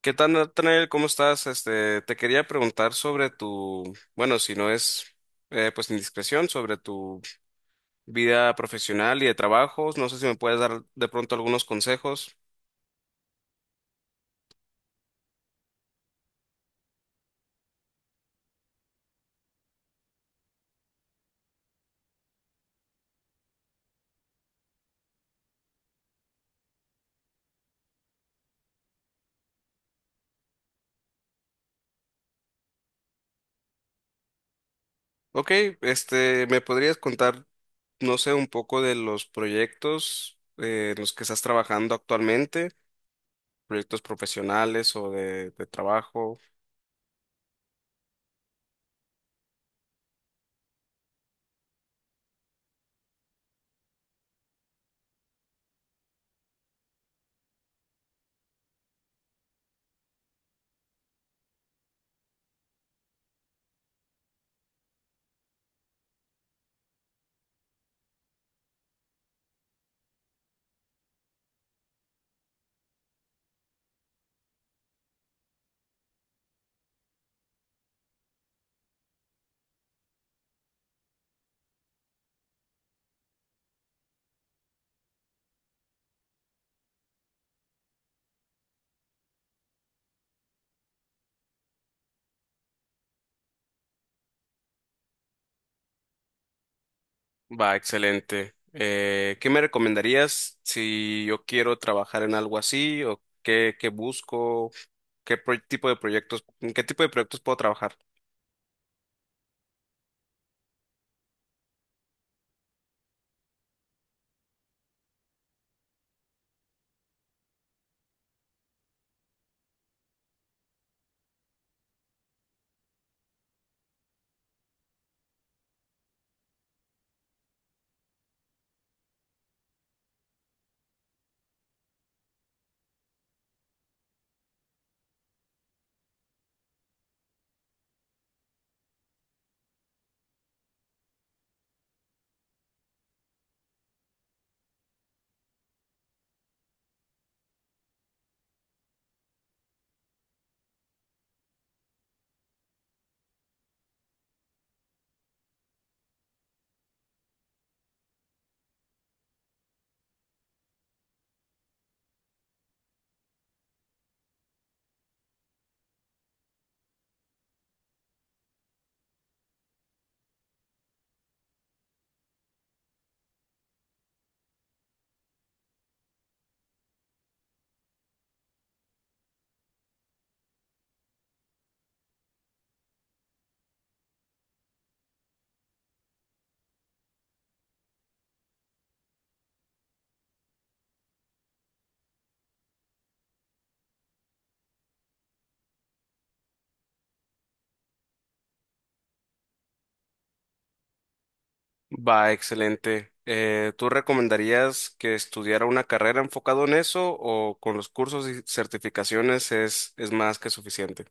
¿Qué tal, Nathaniel? ¿Cómo estás? Este, te quería preguntar sobre bueno, si no es pues indiscreción, sobre tu vida profesional y de trabajos. No sé si me puedes dar de pronto algunos consejos. Ok, este, ¿me podrías contar, no sé, un poco de los proyectos en los que estás trabajando actualmente? Proyectos profesionales o de trabajo. Va, excelente. ¿Qué me recomendarías si yo quiero trabajar en algo así o qué busco? ¿ Tipo de proyectos, ¿en qué tipo de proyectos puedo trabajar? Va, excelente. ¿Tú recomendarías que estudiara una carrera enfocado en eso o con los cursos y certificaciones es más que suficiente?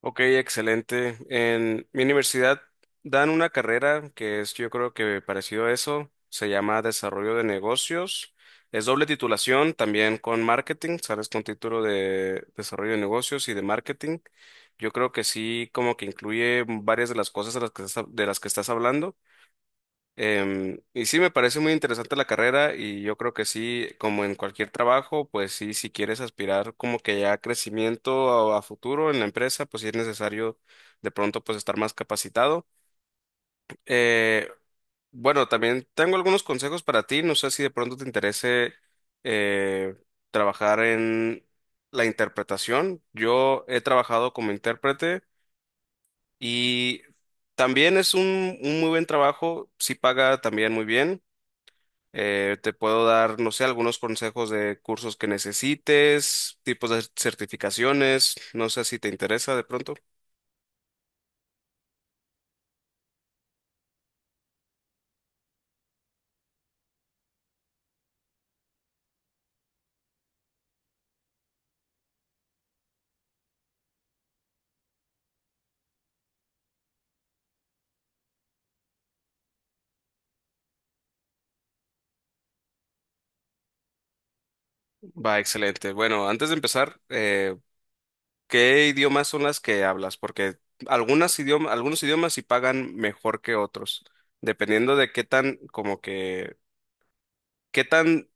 Ok, excelente. En mi universidad dan una carrera que es, yo creo que parecido a eso, se llama Desarrollo de Negocios. Es doble titulación, también con marketing, sales con título de Desarrollo de Negocios y de Marketing. Yo creo que sí, como que incluye varias de las cosas de las que de las que estás hablando. Y sí, me parece muy interesante la carrera y yo creo que sí, como en cualquier trabajo, pues sí, si quieres aspirar como que ya a crecimiento a futuro en la empresa, pues sí es necesario de pronto pues estar más capacitado. Eh, bueno, también tengo algunos consejos para ti, no sé si de pronto te interese eh, trabajar en la interpretación. Yo he trabajado como intérprete y también es un muy buen trabajo, sí paga también muy bien. Te puedo dar, no sé, algunos consejos de cursos que necesites, tipos de certificaciones, no sé si te interesa de pronto. Va, excelente. Bueno, antes de empezar, ¿qué idiomas son las que hablas? Porque algunos idiomas sí pagan mejor que otros, dependiendo de qué tan, como que, qué tan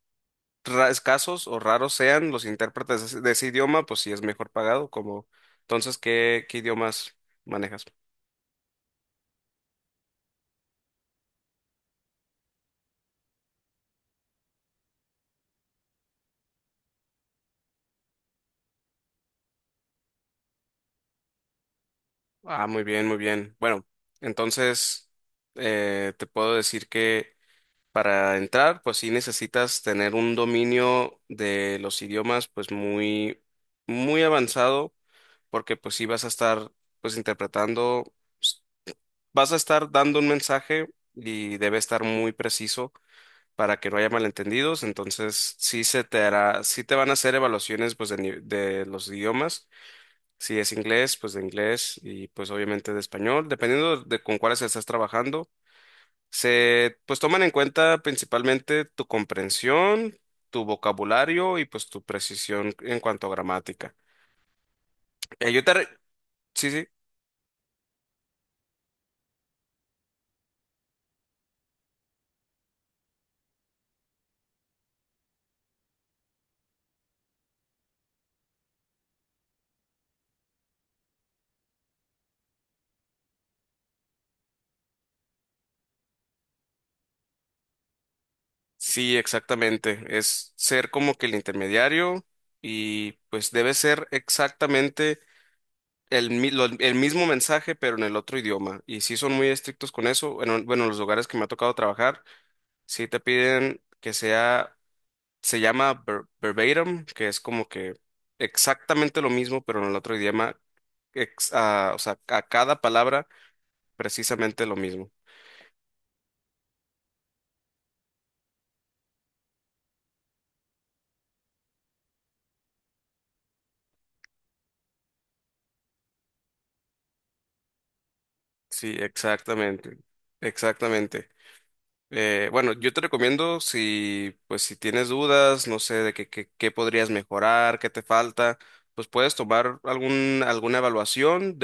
escasos o raros sean los intérpretes de de ese idioma, pues sí es mejor pagado, como, entonces, ¿ qué idiomas manejas? Ah, muy bien, muy bien. Bueno, entonces te puedo decir que para entrar, pues sí necesitas tener un dominio de los idiomas, pues muy avanzado, porque pues sí vas a estar, pues interpretando, s- vas a estar dando un mensaje y debe estar muy preciso para que no haya malentendidos. Entonces sí se te hará, sí te van a hacer evaluaciones, pues de los idiomas, si es inglés, pues de inglés y pues obviamente de español, dependiendo de con cuáles estás trabajando. Se pues toman en cuenta principalmente tu comprensión, tu vocabulario y pues tu precisión en cuanto a gramática. Eh, yo te re- sí, sí, sí, exactamente. Es ser como que el intermediario y pues debe ser exactamente el mismo mensaje pero en el otro idioma. Y sí son muy estrictos con eso. Bueno, bueno, los lugares que me ha tocado trabajar, sí te piden que sea, se llama verbatim, que es como que exactamente lo mismo, pero en el otro idioma, o sea, a cada palabra precisamente lo mismo. Sí, exactamente, exactamente. Bueno, yo te recomiendo si, pues, si tienes dudas, no sé, de qué podrías mejorar, qué te falta, pues puedes tomar alguna evaluación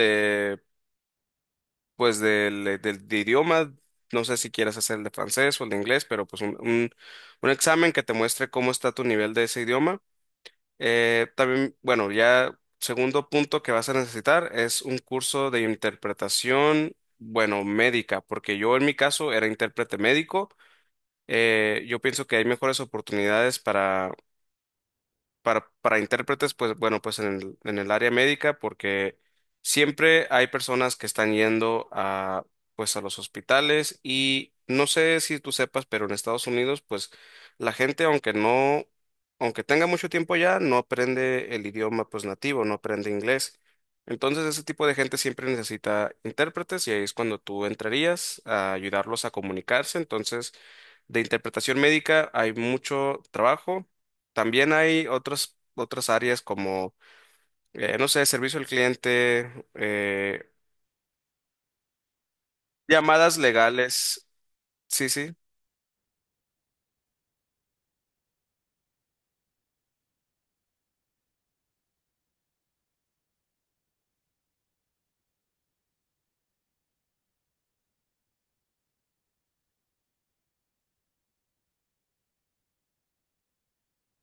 pues de idioma, no sé si quieras hacer el de francés o el de inglés, pero pues un examen que te muestre cómo está tu nivel de ese idioma. También, bueno, ya segundo punto que vas a necesitar es un curso de interpretación, bueno, médica, porque yo en mi caso era intérprete médico. Yo pienso que hay mejores oportunidades para intérpretes, pues bueno, pues en en el área médica, porque siempre hay personas que están yendo pues a los hospitales y no sé si tú sepas, pero en Estados Unidos, pues la gente, aunque no, aunque tenga mucho tiempo ya, no aprende el idioma, pues nativo, no aprende inglés. Entonces, ese tipo de gente siempre necesita intérpretes y ahí es cuando tú entrarías a ayudarlos a comunicarse. Entonces, de interpretación médica hay mucho trabajo, también hay otras áreas como, no sé, servicio al cliente, llamadas legales. Sí, sí.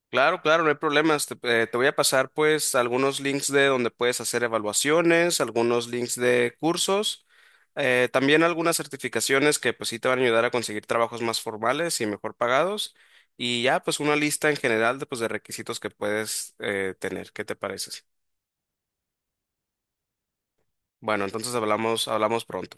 Claro, claro, no hay problemas. Te voy a pasar pues algunos links de donde puedes hacer evaluaciones, algunos links de cursos, también algunas certificaciones que pues sí te van a ayudar a conseguir trabajos más formales y mejor pagados. Y ya pues una lista en general de, pues, de requisitos que puedes tener. ¿Qué te parece? Bueno, entonces hablamos, hablamos pronto.